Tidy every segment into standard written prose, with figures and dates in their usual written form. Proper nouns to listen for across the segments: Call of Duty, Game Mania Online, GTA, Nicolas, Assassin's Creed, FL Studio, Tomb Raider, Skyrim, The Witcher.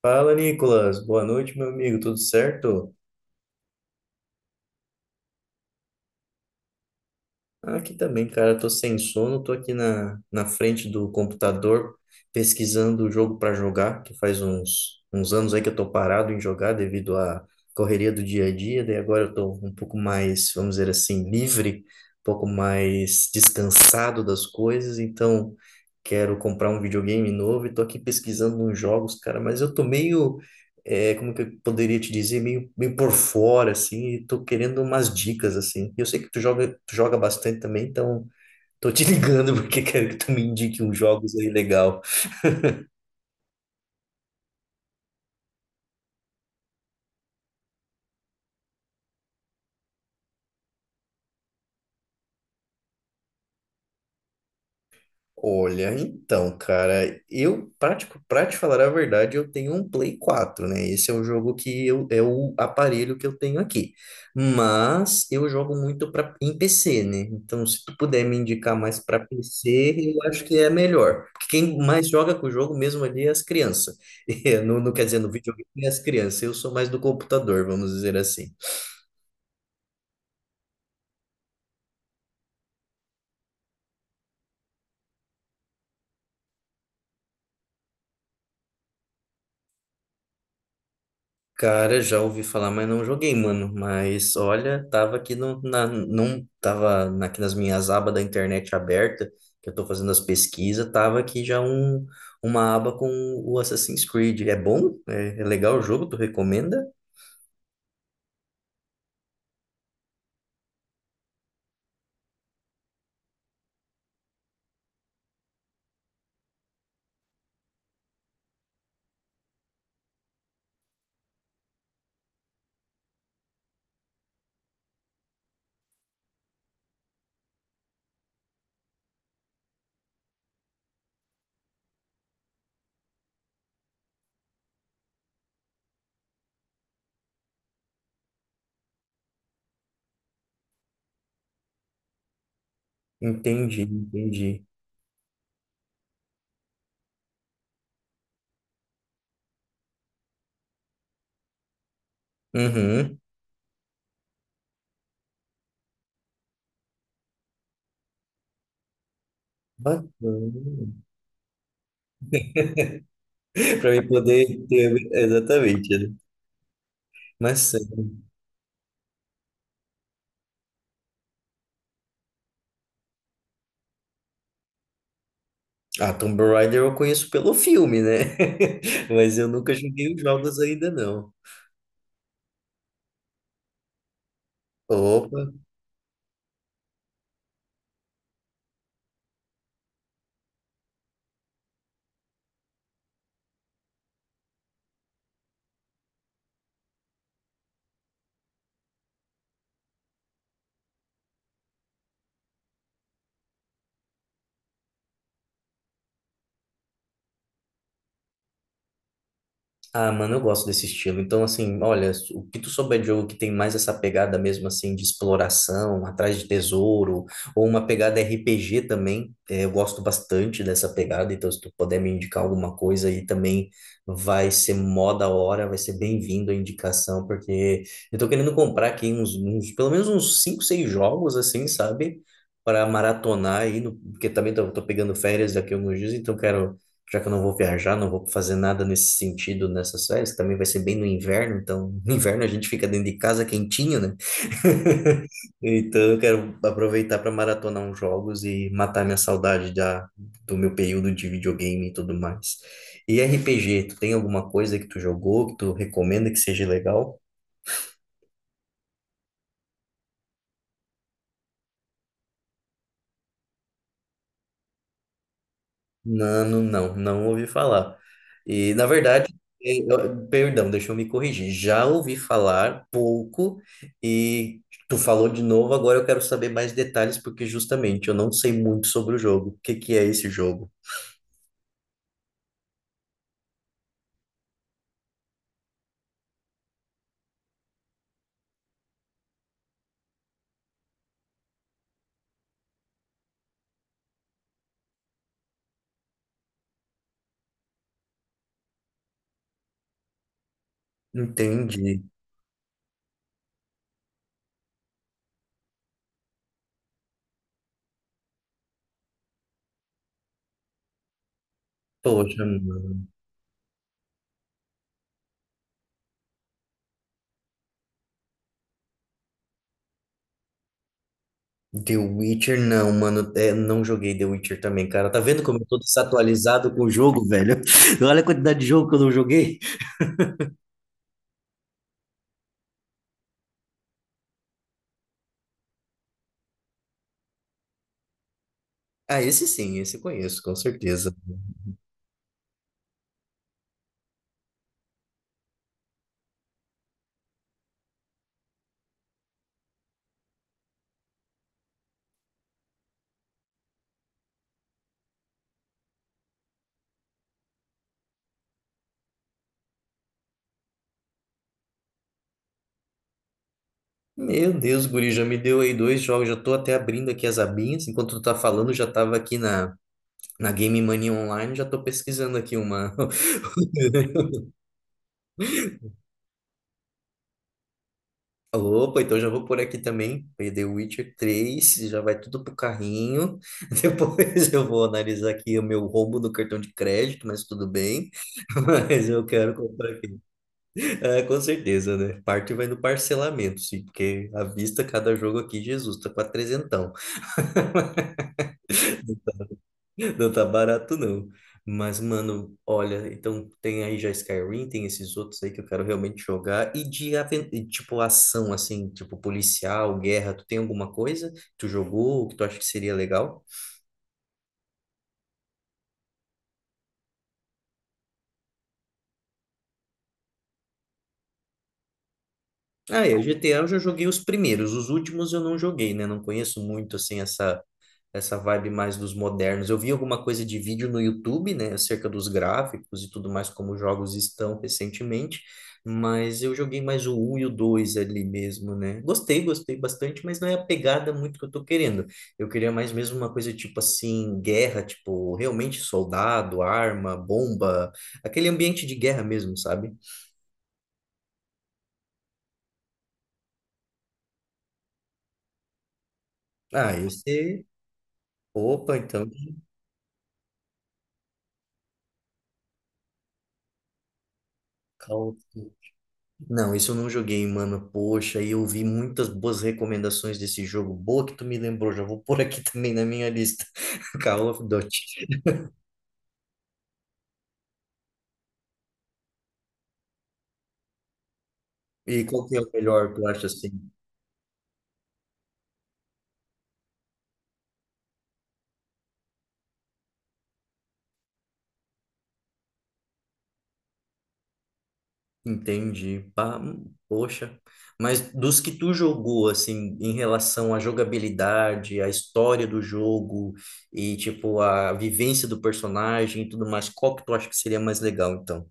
Fala, Nicolas. Boa noite, meu amigo. Tudo certo? Aqui também, cara. Tô sem sono. Tô aqui na frente do computador pesquisando o jogo para jogar, que faz uns anos aí que eu tô parado em jogar devido à correria do dia a dia. Daí agora eu tô um pouco mais, vamos dizer assim, livre, um pouco mais descansado das coisas. Então, quero comprar um videogame novo e tô aqui pesquisando uns jogos, cara. Mas eu tô meio como que eu poderia te dizer, meio por fora, assim, e tô querendo umas dicas, assim. Eu sei que tu joga bastante também, então tô te ligando porque quero que tu me indique uns jogos aí legal. Olha, então, cara, eu, pra te falar a verdade, eu tenho um Play 4, né? Esse é o jogo que eu, é o aparelho que eu tenho aqui. Mas eu jogo muito em PC, né? Então, se tu puder me indicar mais pra PC, eu acho que é melhor. Porque quem mais joga com o jogo mesmo ali é as crianças. É, não, não quer dizer no videogame é as crianças, eu sou mais do computador, vamos dizer assim. Cara, já ouvi falar, mas não joguei, mano. Mas olha, tava aqui no, na, num, tava na- aqui nas minhas abas da internet aberta, que eu tô fazendo as pesquisas, tava aqui já uma aba com o Assassin's Creed. É bom? É, é legal o jogo? Tu recomenda? Entendi, entendi. Uhum. Bacana. Pra mim poder ter. Exatamente. Né? Mas ah, Tomb Raider eu conheço pelo filme, né? Mas eu nunca joguei os jogos ainda, não. Opa! Ah, mano, eu gosto desse estilo. Então, assim, olha, o que tu souber de jogo que tem mais essa pegada mesmo, assim, de exploração, atrás de tesouro, ou uma pegada RPG também, eu gosto bastante dessa pegada. Então, se tu puder me indicar alguma coisa aí também, vai ser mó da hora, vai ser bem-vindo a indicação, porque eu tô querendo comprar aqui pelo menos uns 5 6 jogos, assim, sabe? Para maratonar aí, porque também tô pegando férias daqui a alguns dias, então quero já que eu não vou viajar, não vou fazer nada nesse sentido nessas férias, também vai ser bem no inverno, então no inverno a gente fica dentro de casa quentinho, né? Então eu quero aproveitar para maratonar uns jogos e matar minha saudade do meu período de videogame e tudo mais. E RPG, tu tem alguma coisa que tu jogou, que tu recomenda que seja legal? Nano, não, não ouvi falar. E, na verdade, perdão, deixa eu me corrigir. Já ouvi falar pouco e tu falou de novo, agora eu quero saber mais detalhes, porque justamente eu não sei muito sobre o jogo. O que que é esse jogo? Entendi. Poxa, mano. The Witcher não, mano. É, não joguei The Witcher também, cara. Tá vendo como eu tô desatualizado com o jogo, velho? Olha a quantidade de jogo que eu não joguei. Ah, esse sim, esse eu conheço, com certeza. Meu Deus, guri, já me deu aí dois jogos, já tô até abrindo aqui as abinhas, enquanto tu tá falando, já tava aqui na Game Mania Online, já tô pesquisando aqui uma... Opa, então já vou por aqui também, aí The Witcher 3, já vai tudo pro carrinho, depois eu vou analisar aqui o meu roubo do cartão de crédito, mas tudo bem, mas eu quero comprar aqui. É, com certeza, né? Parte vai no parcelamento, sim, porque à vista cada jogo aqui, Jesus, tá quase trezentão. Não tá barato, não. Mas, mano, olha, então tem aí já Skyrim, tem esses outros aí que eu quero realmente jogar. E de, e, tipo, ação, assim, tipo policial, guerra, tu tem alguma coisa que tu jogou, que tu acha que seria legal? Ah, é, GTA eu já joguei os primeiros, os últimos eu não joguei, né? Não conheço muito, assim, essa vibe mais dos modernos. Eu vi alguma coisa de vídeo no YouTube, né, acerca dos gráficos e tudo mais, como os jogos estão recentemente, mas eu joguei mais o um e o 2 ali mesmo, né? Gostei, gostei bastante, mas não é a pegada muito que eu tô querendo. Eu queria mais mesmo uma coisa tipo assim, guerra, tipo, realmente soldado, arma, bomba, aquele ambiente de guerra mesmo, sabe? Ah, esse. Opa, então. Call of Não, isso eu não joguei, mano. Poxa, e eu vi muitas boas recomendações desse jogo. Boa que tu me lembrou, já vou pôr aqui também na minha lista. Call of Duty. E qual que é o melhor, tu acha assim? Entendi. Pá, poxa. Mas dos que tu jogou, assim, em relação à jogabilidade, à história do jogo e, tipo, a vivência do personagem e tudo mais, qual que tu acha que seria mais legal, então?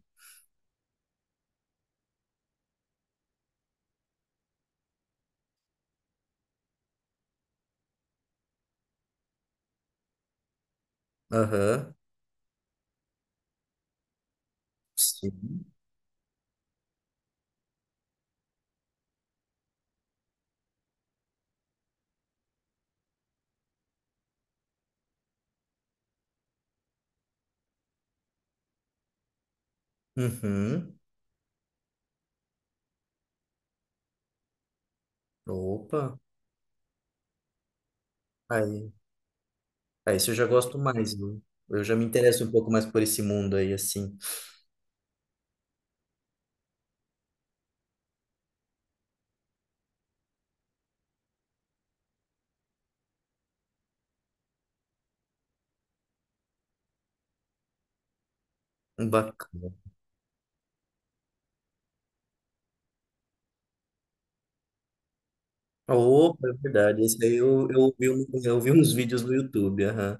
Aham. Sim. Uhum. Opa. Aí. Ah, isso eu já gosto mais, viu? Eu já me interesso um pouco mais por esse mundo aí, assim. Bacana. Opa, é verdade. Esse aí eu ouvi, eu vi uns vídeos no YouTube. Aham.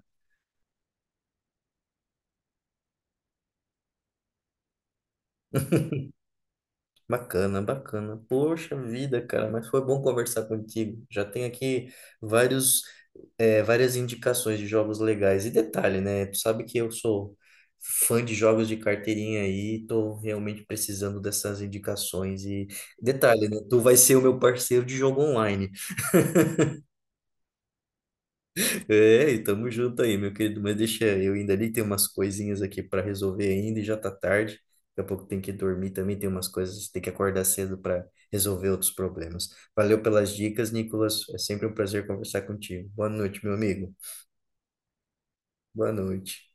Bacana, bacana. Poxa vida, cara, mas foi bom conversar contigo. Já tem aqui vários, várias indicações de jogos legais. E detalhe, né? Tu sabe que eu sou fã de jogos de carteirinha aí, tô realmente precisando dessas indicações. E detalhe, né? Tu vai ser o meu parceiro de jogo online. É, e tamo junto aí, meu querido. Mas deixa eu ainda ali, tem umas coisinhas aqui para resolver ainda e já tá tarde. Daqui a pouco tem que dormir também, tem umas coisas, tem que acordar cedo para resolver outros problemas. Valeu pelas dicas, Nicolas. É sempre um prazer conversar contigo. Boa noite, meu amigo. Boa noite.